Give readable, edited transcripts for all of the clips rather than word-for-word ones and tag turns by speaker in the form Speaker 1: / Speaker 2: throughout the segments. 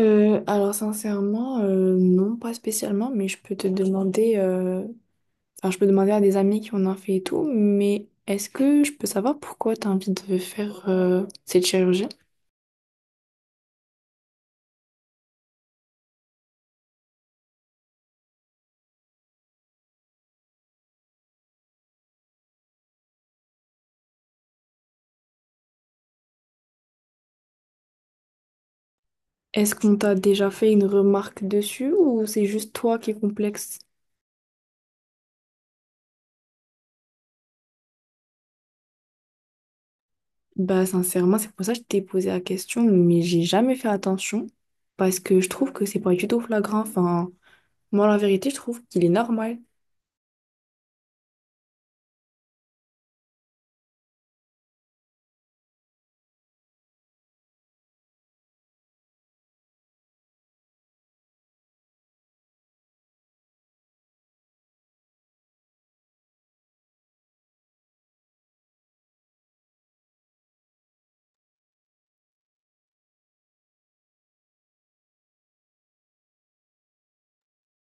Speaker 1: Alors sincèrement, non, pas spécialement, mais je peux te demander, enfin je peux demander à des amis qui en ont fait et tout, mais est-ce que je peux savoir pourquoi tu as envie de faire cette chirurgie? Est-ce qu'on t'a déjà fait une remarque dessus ou c'est juste toi qui est complexe? Bah sincèrement, c'est pour ça que je t'ai posé la question, mais j'ai jamais fait attention parce que je trouve que c'est pas du tout flagrant. Enfin, moi la vérité, je trouve qu'il est normal.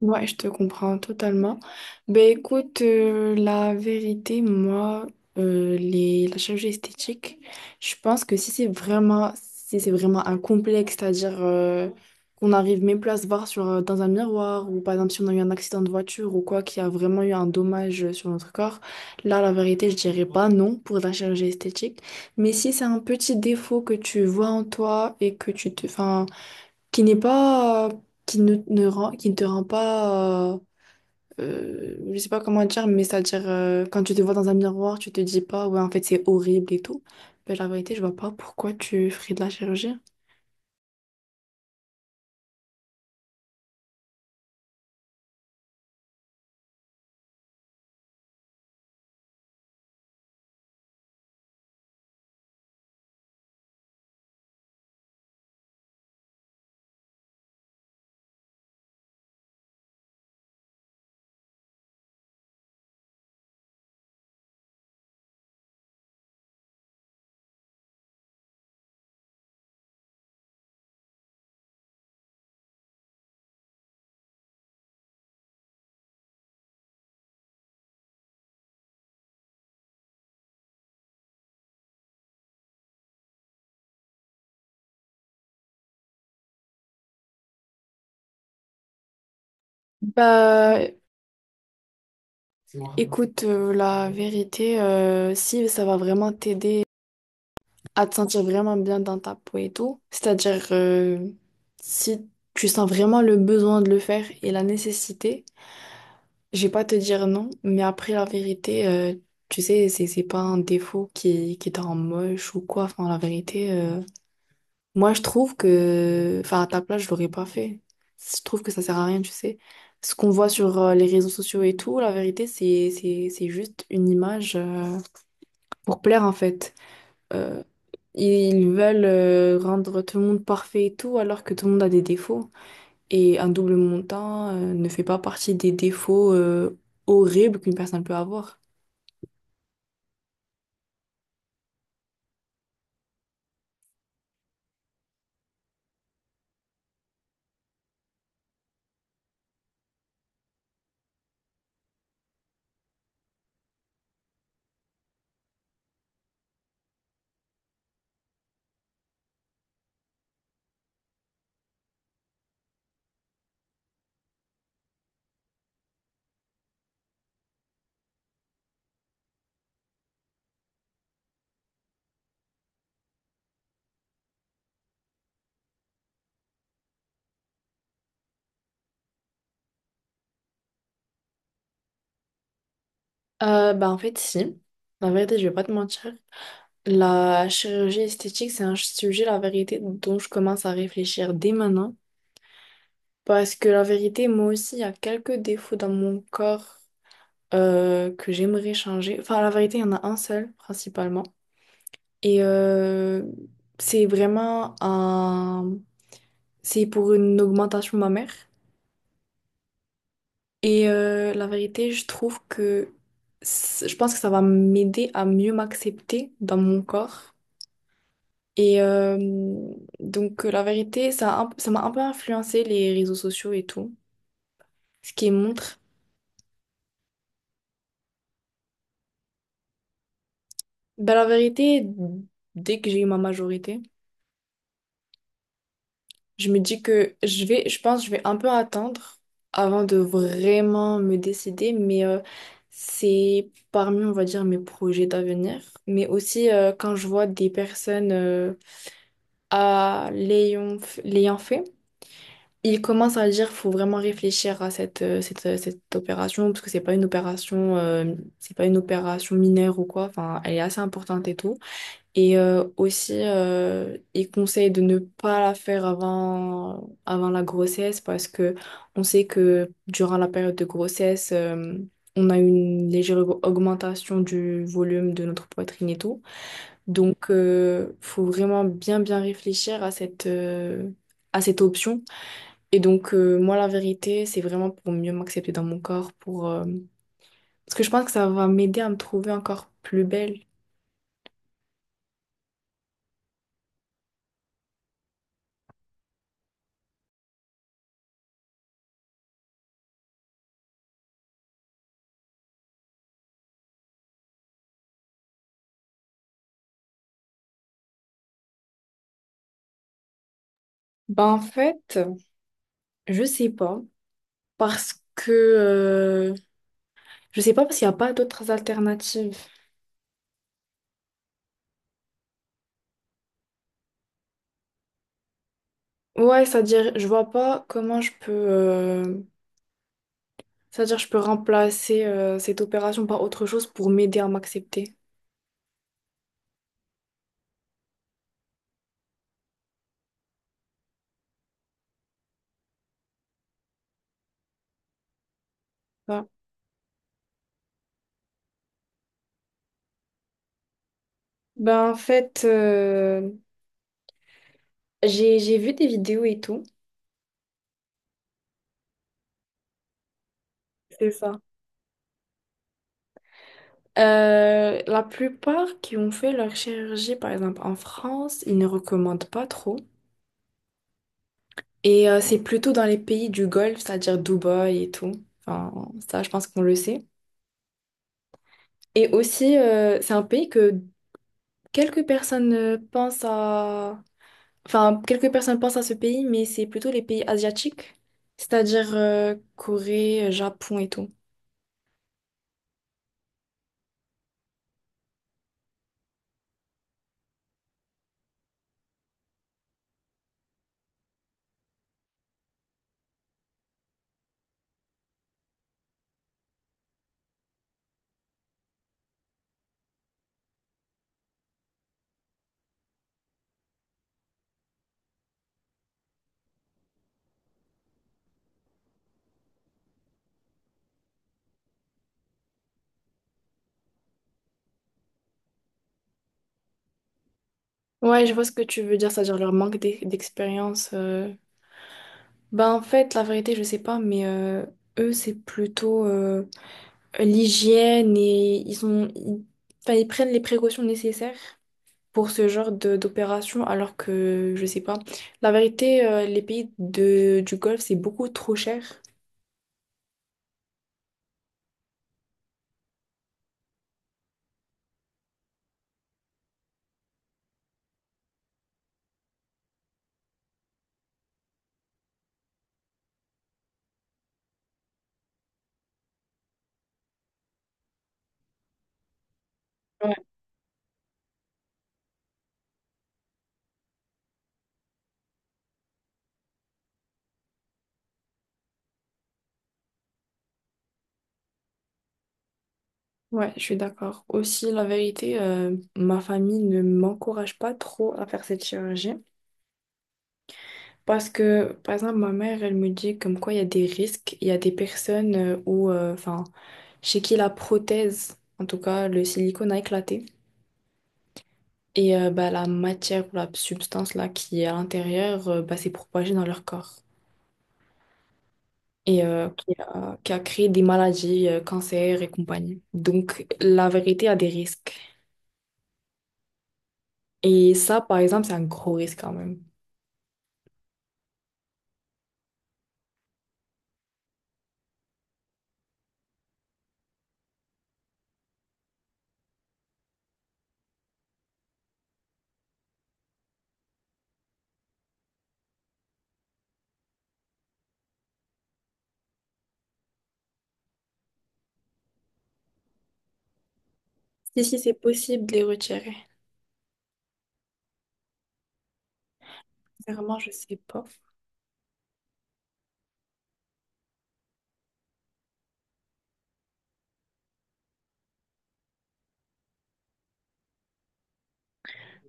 Speaker 1: Ouais, je te comprends totalement. Ben écoute, la vérité, moi, la chirurgie esthétique, je pense que si c'est vraiment un complexe, c'est-à-dire qu'on n'arrive même plus à se voir sur, dans un miroir, ou par exemple si on a eu un accident de voiture ou quoi, qui a vraiment eu un dommage sur notre corps, là, la vérité, je dirais pas non pour la chirurgie esthétique. Mais si c'est un petit défaut que tu vois en toi et que tu te... 'fin, qui n'est pas, qui ne te rend pas, je sais pas comment dire, mais c'est-à-dire quand tu te vois dans un miroir, tu te dis pas, ouais, en fait, c'est horrible et tout. Ben, la vérité, je vois pas pourquoi tu ferais de la chirurgie. Bah, écoute, la vérité, si ça va vraiment t'aider à te sentir vraiment bien dans ta peau et tout, c'est-à-dire si tu sens vraiment le besoin de le faire et la nécessité, je vais pas te dire non, mais après la vérité, tu sais, c'est pas un défaut qui te rend moche ou quoi. Enfin, la vérité, moi je trouve que, enfin, à ta place, je l'aurais pas fait. Je trouve que ça sert à rien, tu sais. Ce qu'on voit sur les réseaux sociaux et tout, la vérité, c'est juste une image pour plaire en fait. Euh, ils veulent rendre tout le monde parfait et tout, alors que tout le monde a des défauts. Et un double montant ne fait pas partie des défauts horribles qu'une personne peut avoir. Bah en fait, si. La vérité, je vais pas te mentir. La chirurgie esthétique, c'est un sujet, la vérité, dont je commence à réfléchir dès maintenant. Parce que la vérité, moi aussi, il y a quelques défauts dans mon corps que j'aimerais changer. Enfin, la vérité, il y en a un seul, principalement. Et c'est vraiment un... C'est pour une augmentation mammaire. Et la vérité, je trouve que... Je pense que ça va m'aider à mieux m'accepter dans mon corps. Et euh, donc, la vérité, ça m'a un peu influencé les réseaux sociaux et tout, ce qui montre. Ben, la vérité, dès que j'ai eu ma majorité, je pense, que je vais un peu attendre avant de vraiment me décider, mais c'est parmi, on va dire, mes projets d'avenir, mais aussi quand je vois des personnes l'ayant fait. Il commence à dire faut vraiment réfléchir à cette, cette opération parce que c'est pas une opération mineure ou quoi. Enfin, elle est assez importante et tout, et aussi il conseille de ne pas la faire avant la grossesse, parce que on sait que durant la période de grossesse on a une légère augmentation du volume de notre poitrine et tout. Donc faut vraiment bien réfléchir à cette option. Et donc, moi, la vérité, c'est vraiment pour mieux m'accepter dans mon corps, pour, parce que je pense que ça va m'aider à me trouver encore plus belle. Ben, en fait, je sais pas, parce que, je sais pas parce qu'il n'y a pas d'autres alternatives. Ouais, c'est-à-dire, je vois pas comment je peux, je peux remplacer, cette opération par autre chose pour m'aider à m'accepter. Ça Ben, en fait, j'ai vu des vidéos et tout. C'est ça. La plupart qui ont fait leur chirurgie, par exemple en France, ils ne recommandent pas trop. Et c'est plutôt dans les pays du Golfe, c'est-à-dire Dubaï et tout. Enfin, ça, je pense qu'on le sait. Et aussi, c'est un pays que quelques personnes pensent à... Enfin, quelques personnes pensent à ce pays, mais c'est plutôt les pays asiatiques, c'est-à-dire Corée, Japon et tout. Ouais, je vois ce que tu veux dire, c'est-à-dire leur d'expérience. Ben, en fait, la vérité, je sais pas, mais eux, c'est plutôt l'hygiène, enfin, ils prennent les précautions nécessaires pour ce genre de d'opération, alors que, je sais pas, la vérité, les pays du Golfe, c'est beaucoup trop cher. Ouais, Ouais, je suis d'accord. Aussi, la vérité, ma famille ne m'encourage pas trop à faire cette chirurgie. Parce que, par exemple, ma mère, elle me dit comme quoi il y a des risques, il y a des personnes enfin, chez qui la prothèse, en tout cas le silicone, a éclaté. Et bah, la matière ou la substance là qui est à l'intérieur, bah, s'est propagée dans leur corps et qui a créé des maladies, cancers et compagnie. Donc la vérité a des risques. Et ça, par exemple, c'est un gros risque quand même. Si, si, c'est possible de les retirer. Sincèrement, je sais pas.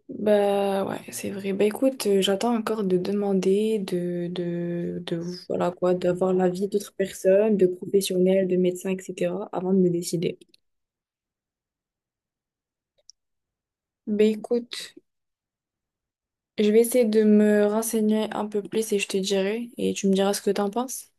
Speaker 1: Bah ouais, c'est vrai. Bah écoute, j'attends encore de demander, de voilà quoi, d'avoir l'avis d'autres personnes, de professionnels, de médecins, etc. avant de me décider. Bah écoute, je vais essayer de me renseigner un peu plus et je te dirai, et tu me diras ce que t'en penses.